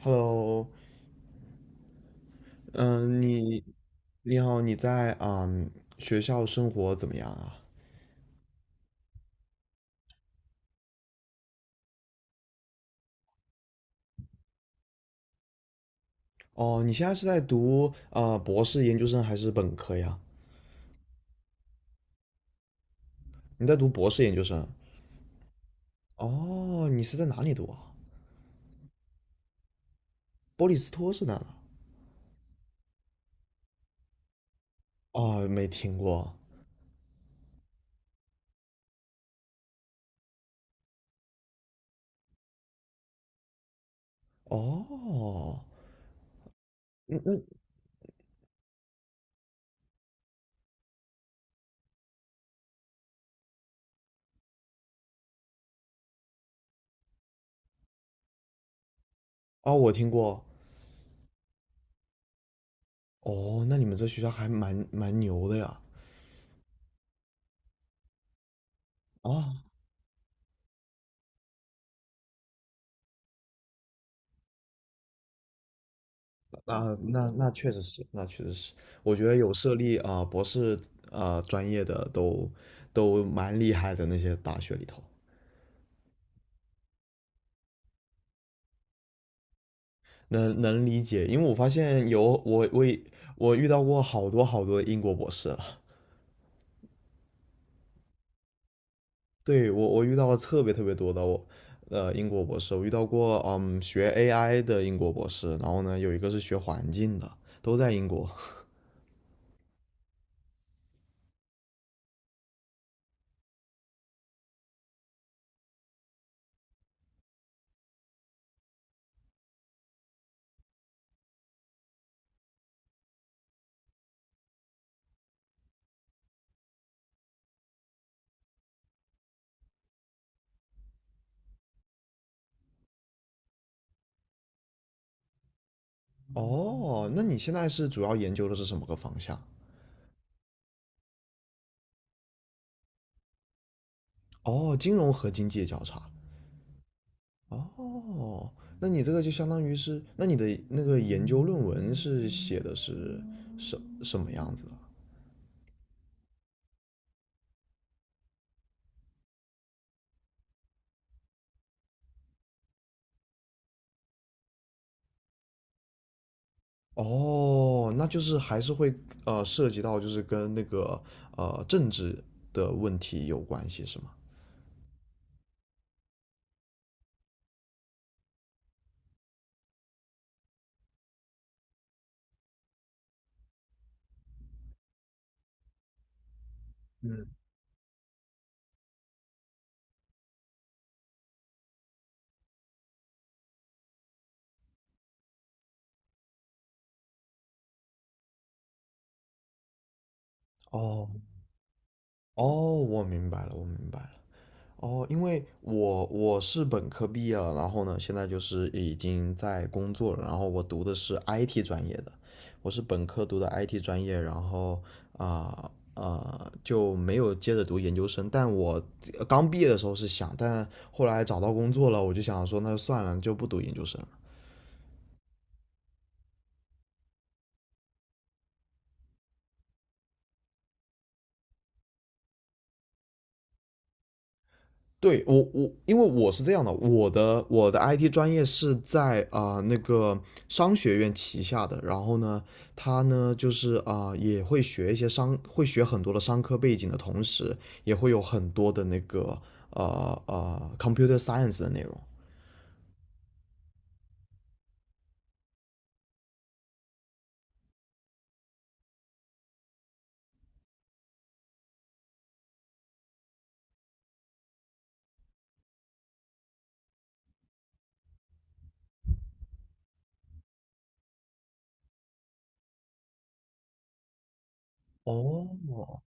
Hello,嗯，你你好，你在学校生活怎么样啊？哦，你现在是在读博士研究生还是本科呀？你在读博士研究生？哦，你是在哪里读啊？波利斯托是哪呢？哦，没听过。哦，嗯嗯，哦，我听过。哦，那你们这学校还蛮牛的呀。啊、那确实是，那确实是，我觉得有设立博士专业的都蛮厉害的那些大学里头，能理解，因为我发现有我我也我遇到过好多好多英国博士了。对我遇到了特别特别多的英国博士，我遇到过学 AI 的英国博士，然后呢有一个是学环境的，都在英国。哦，那你现在是主要研究的是什么个方向？哦，金融和经济交叉。哦，那你这个就相当于是，那你的那个研究论文是写的是什么样子的？哦，那就是还是会涉及到就是跟那个政治的问题有关系是吗？哦哦，我明白了，我明白了。哦，因为我是本科毕业了，然后呢，现在就是已经在工作了，然后我读的是 IT 专业的，我是本科读的 IT 专业，然后就没有接着读研究生，但我刚毕业的时候是想，但后来找到工作了，我就想说那就算了，就不读研究生。对我，因为我是这样的，我的 IT 专业是在那个商学院旗下的，然后呢，他呢就是也会学一些商，会学很多的商科背景的同时，也会有很多的那个computer science 的内容。哦，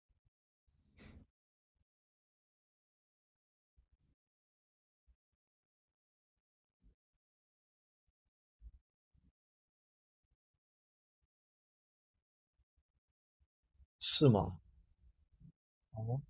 是吗？哦，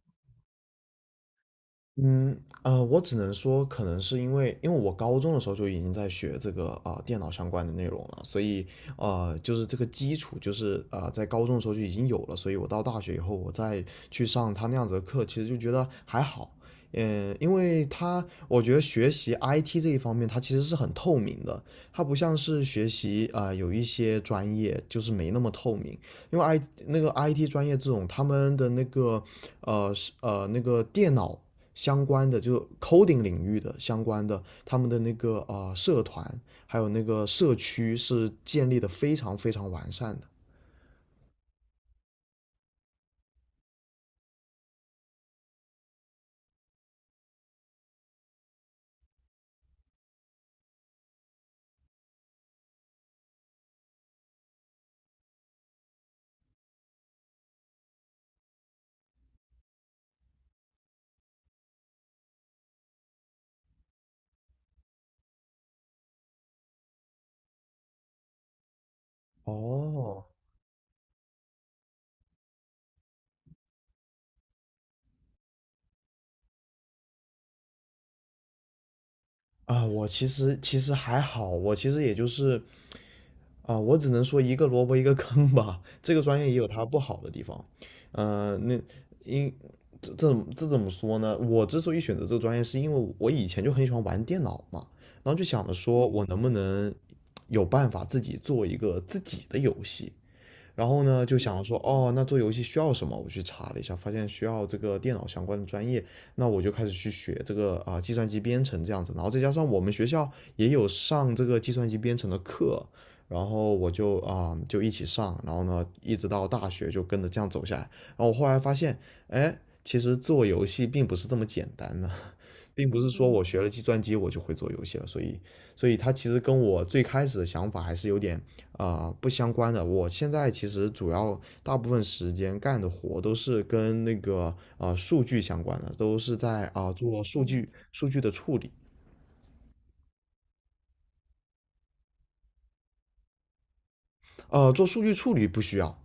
嗯，呃，我只能说，可能是因为，因为我高中的时候就已经在学这个电脑相关的内容了，所以呃，就是这个基础就是啊在高中的时候就已经有了，所以我到大学以后，我再去上他那样子的课，其实就觉得还好。嗯，因为他，我觉得学习 IT 这一方面，它其实是很透明的，它不像是学习有一些专业就是没那么透明，因为 I 那个 IT 专业这种，他们的那个那个电脑相关的，就是 coding 领域的相关的，他们的那个社团，还有那个社区是建立的非常非常完善的。哦，啊，我其实其实还好，我其实也就是啊，我只能说一个萝卜一个坑吧。这个专业也有它不好的地方，呃，那因这这这怎么说呢？我之所以选择这个专业，是因为我以前就很喜欢玩电脑嘛，然后就想着说我能不能有办法自己做一个自己的游戏，然后呢，就想说，哦，那做游戏需要什么？我去查了一下，发现需要这个电脑相关的专业，那我就开始去学这个计算机编程这样子。然后再加上我们学校也有上这个计算机编程的课，然后我就就一起上，然后呢一直到大学就跟着这样走下来。然后我后来发现，哎，其实做游戏并不是这么简单的。并不是说我学了计算机我就会做游戏了，所以，所以它其实跟我最开始的想法还是有点啊、呃不相关的。我现在其实主要大部分时间干的活都是跟那个数据相关的，都是在做数据的处理。呃，做数据处理不需要。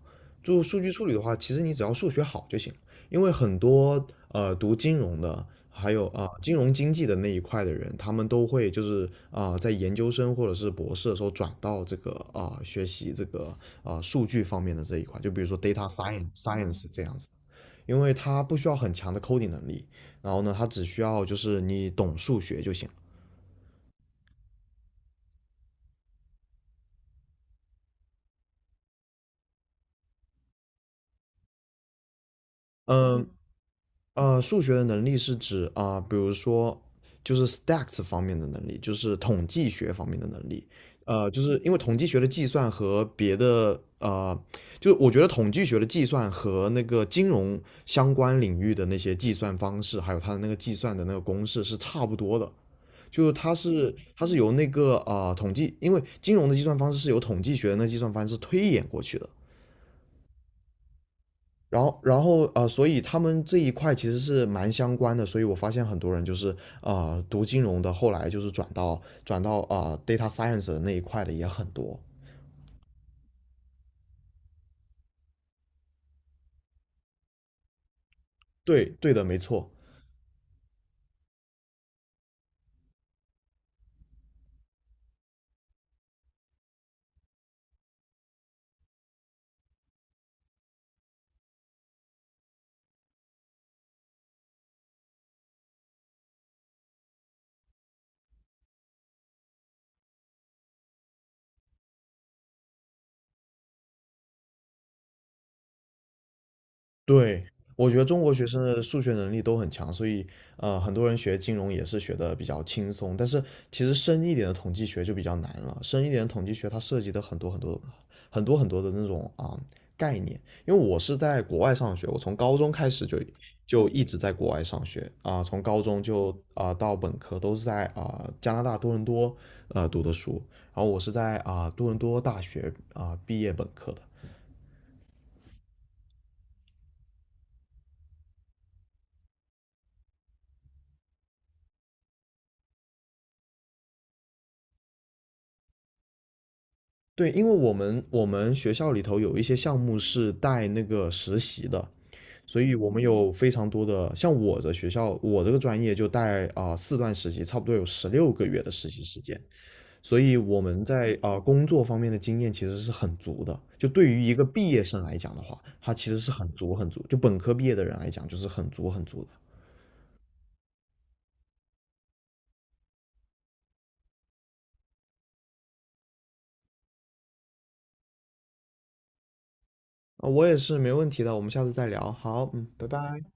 做数据处理的话，其实你只要数学好就行，因为很多读金融的，还有金融经济的那一块的人，他们都会就是在研究生或者是博士的时候转到这个学习这个数据方面的这一块，就比如说 data science 这样子，因为它不需要很强的 coding 能力，然后呢，它只需要就是你懂数学就行。嗯，呃，数学的能力是指啊、比如说就是 stats 方面的能力，就是统计学方面的能力。呃，就是因为统计学的计算和别的，就我觉得统计学的计算和那个金融相关领域的那些计算方式，还有它的那个计算的那个公式是差不多的。就是它是由那个统计，因为金融的计算方式是由统计学的那个计算方式推演过去的。然后，然后，所以他们这一块其实是蛮相关的，所以我发现很多人就是读金融的，后来就是转到data science 的那一块的也很多。对，对的，没错。对，我觉得中国学生的数学能力都很强，所以呃，很多人学金融也是学的比较轻松。但是其实深一点的统计学就比较难了，深一点的统计学它涉及的很多很多很多的那种啊、概念。因为我是在国外上学，我从高中开始就一直在国外上学啊、从高中就啊、到本科都是在啊、加拿大多伦多读的书，然后我是在啊、多伦多大学啊、毕业本科的。对，因为我们学校里头有一些项目是带那个实习的，所以我们有非常多的，像我的学校，我这个专业就带4段实习，差不多有16个月的实习时间，所以我们在工作方面的经验其实是很足的。就对于一个毕业生来讲的话，他其实是很足很足，就本科毕业的人来讲，就是很足很足的。啊、我也是没问题的，我们下次再聊。好，嗯，拜拜。